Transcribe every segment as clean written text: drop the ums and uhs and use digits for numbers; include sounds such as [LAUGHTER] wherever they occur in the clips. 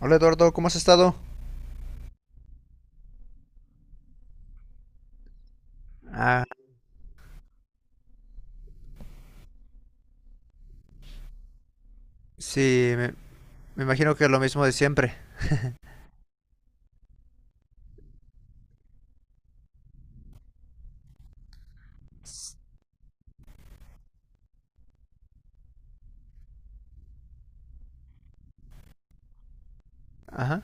Hola Eduardo, ¿cómo has estado? Ah, sí, me imagino que es lo mismo de siempre. Ajá,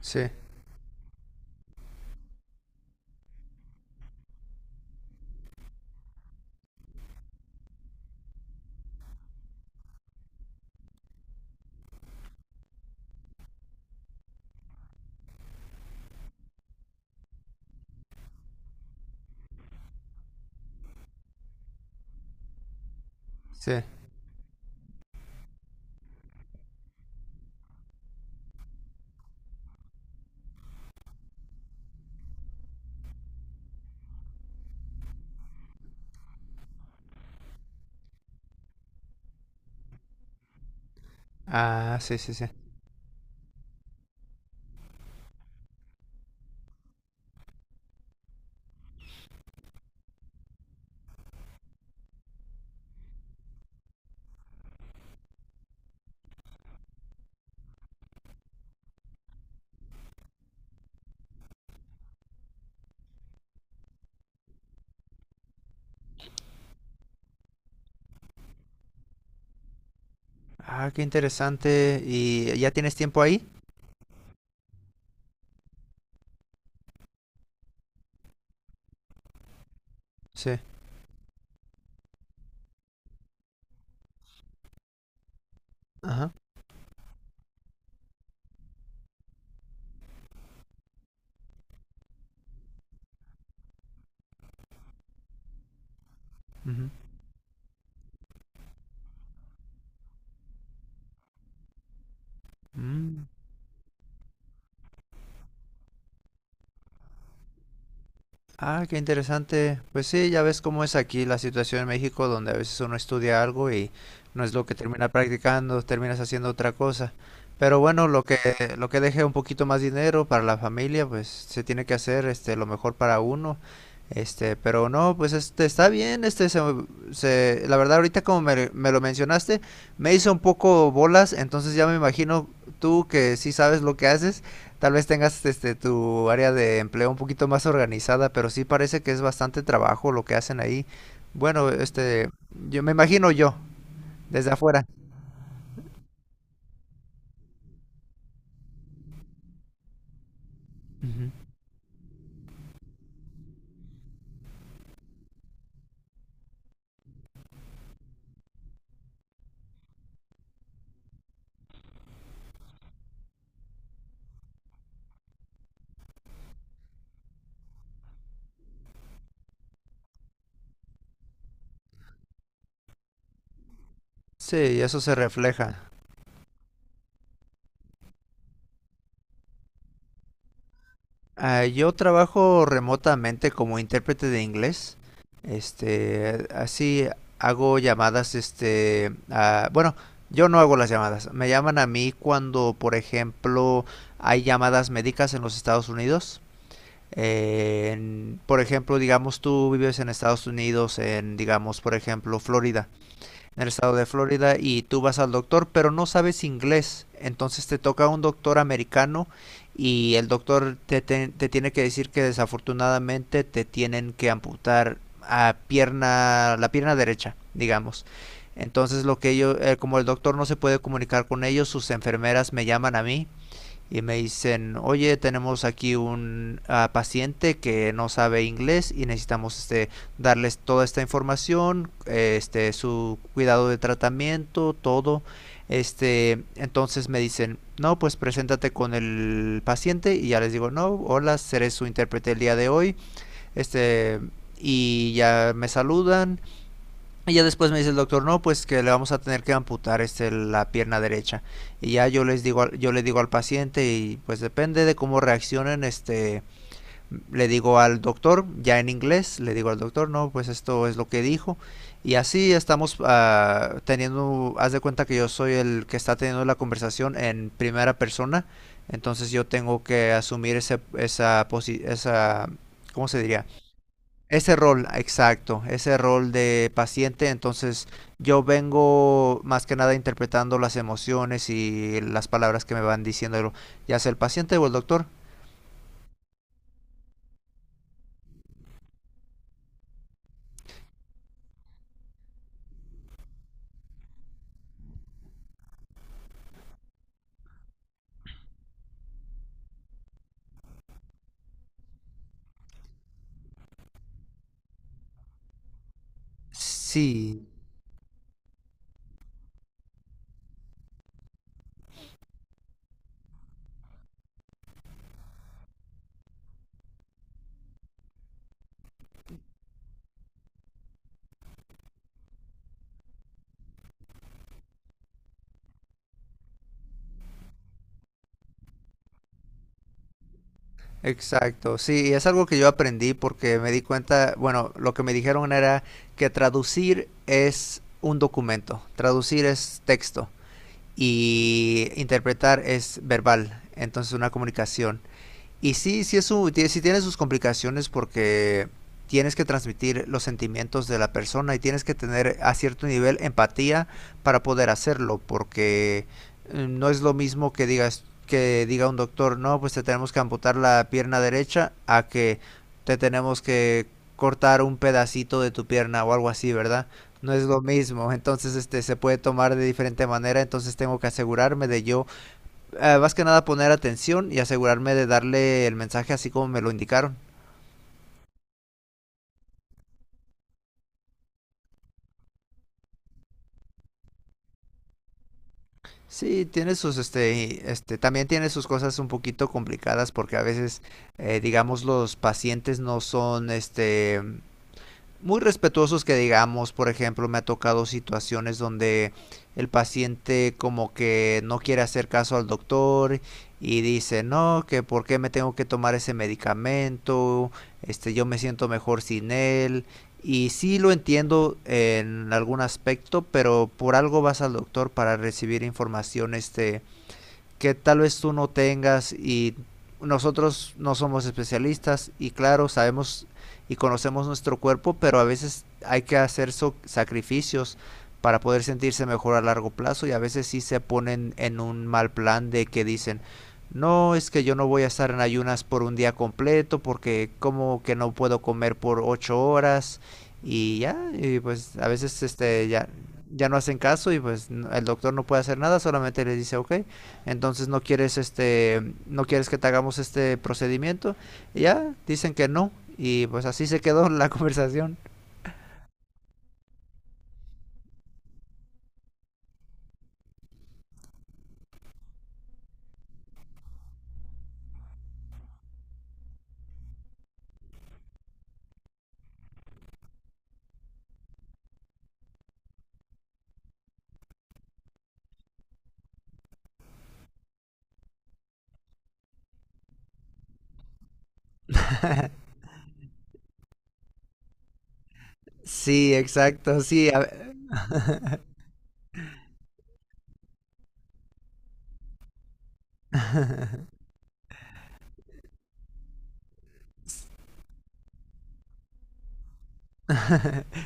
sí, sí. Ah, sí, sí, sí. Ah, qué interesante. ¿Y ya tienes tiempo ahí? Sí. Ajá. Ujú. Mm. Ah, qué interesante. Pues sí, ya ves cómo es aquí la situación en México, donde a veces uno estudia algo y no es lo que termina practicando, terminas haciendo otra cosa. Pero bueno, lo que deje un poquito más dinero para la familia, pues se tiene que hacer lo mejor para uno. Pero no, pues este está bien, la verdad ahorita como me lo mencionaste, me hizo un poco bolas, entonces ya me imagino tú que sí sabes lo que haces. Tal vez tengas tu área de empleo un poquito más organizada, pero sí parece que es bastante trabajo lo que hacen ahí. Bueno, yo me imagino yo, desde afuera. Ujú. Sí, eso se refleja. Ah, yo trabajo remotamente como intérprete de inglés. Así hago llamadas, bueno, yo no hago las llamadas. Me llaman a mí cuando, por ejemplo, hay llamadas médicas en los Estados Unidos. Por ejemplo, digamos tú vives en Estados Unidos, en, digamos, por ejemplo, Florida, en el estado de Florida, y tú vas al doctor, pero no sabes inglés. Entonces te toca un doctor americano y el doctor te tiene que decir que desafortunadamente te tienen que amputar a pierna, la pierna derecha, digamos. Entonces lo que ellos, como el doctor no se puede comunicar con ellos, sus enfermeras me llaman a mí y me dicen, oye, tenemos aquí un paciente que no sabe inglés y necesitamos darles toda esta información, su cuidado de tratamiento, todo. Entonces me dicen, no, pues preséntate con el paciente y ya les digo, no, hola, seré su intérprete el día de hoy. Este, y ya me saludan y ya después me dice el doctor, no, pues que le vamos a tener que amputar la pierna derecha. Y ya yo les digo, yo le digo al paciente y pues depende de cómo reaccionen, le digo al doctor, ya en inglés, le digo al doctor, no, pues esto es lo que dijo. Y así estamos teniendo, haz de cuenta que yo soy el que está teniendo la conversación en primera persona, entonces yo tengo que asumir esa, ¿cómo se diría? Ese rol, exacto, ese rol de paciente, entonces yo vengo más que nada interpretando las emociones y las palabras que me van diciendo, ya sea el paciente o el doctor. Sí, exacto, sí, y es algo que yo aprendí porque me di cuenta, bueno, lo que me dijeron era que traducir es un documento, traducir es texto y interpretar es verbal, entonces una comunicación. Y sí, sí, es un, sí tiene sus complicaciones porque tienes que transmitir los sentimientos de la persona y tienes que tener a cierto nivel empatía para poder hacerlo, porque no es lo mismo que digas que diga un doctor, no, pues te tenemos que amputar la pierna derecha a que te tenemos que cortar un pedacito de tu pierna o algo así, ¿verdad? No es lo mismo, entonces se puede tomar de diferente manera, entonces tengo que asegurarme de yo más que nada poner atención y asegurarme de darle el mensaje así como me lo indicaron. Sí, tiene sus, también tiene sus cosas un poquito complicadas porque a veces, digamos, los pacientes no son, muy respetuosos que digamos, por ejemplo, me ha tocado situaciones donde el paciente como que no quiere hacer caso al doctor y dice, no, que por qué me tengo que tomar ese medicamento, yo me siento mejor sin él. Y sí lo entiendo en algún aspecto, pero por algo vas al doctor para recibir información que tal vez tú no tengas y nosotros no somos especialistas y claro, sabemos y conocemos nuestro cuerpo, pero a veces hay que hacer so sacrificios para poder sentirse mejor a largo plazo y a veces sí se ponen en un mal plan de que dicen, no, es que yo no voy a estar en ayunas por un día completo porque como que no puedo comer por ocho horas y ya, y pues a veces ya, ya no hacen caso y pues el doctor no puede hacer nada, solamente les dice, ok, entonces no quieres que te hagamos este procedimiento y ya dicen que no y pues así se quedó la [LAUGHS] conversación. Sí, exacto, sí. a-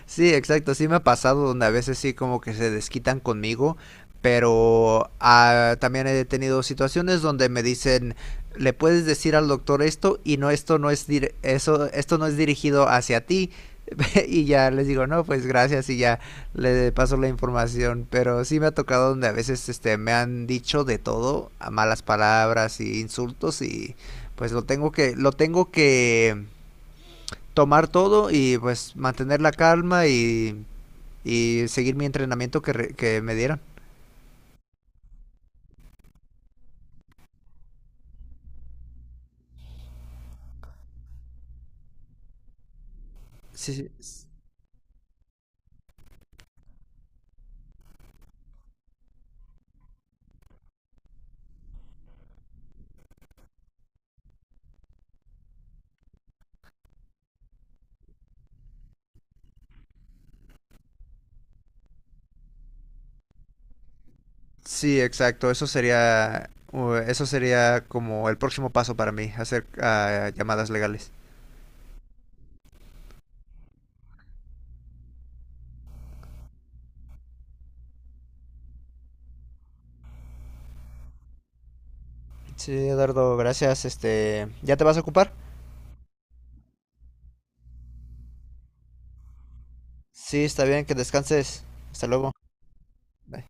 Sí, exacto, sí me ha pasado donde a veces sí como que se desquitan conmigo, pero también he tenido situaciones donde me dicen, le puedes decir al doctor esto y no esto no es dir- eso esto no es dirigido hacia ti [LAUGHS] y ya les digo, no, pues gracias y ya le paso la información, pero sí me ha tocado donde a veces me han dicho de todo, a malas palabras y insultos y pues lo tengo que tomar todo y pues mantener la calma y seguir mi entrenamiento que me dieron. Sí, sí. Sí, exacto. Eso sería como el próximo paso para mí, hacer llamadas legales. Sí, Eduardo, gracias. ¿Ya te vas a ocupar? Sí, está bien, que descanses. Hasta luego. Bye.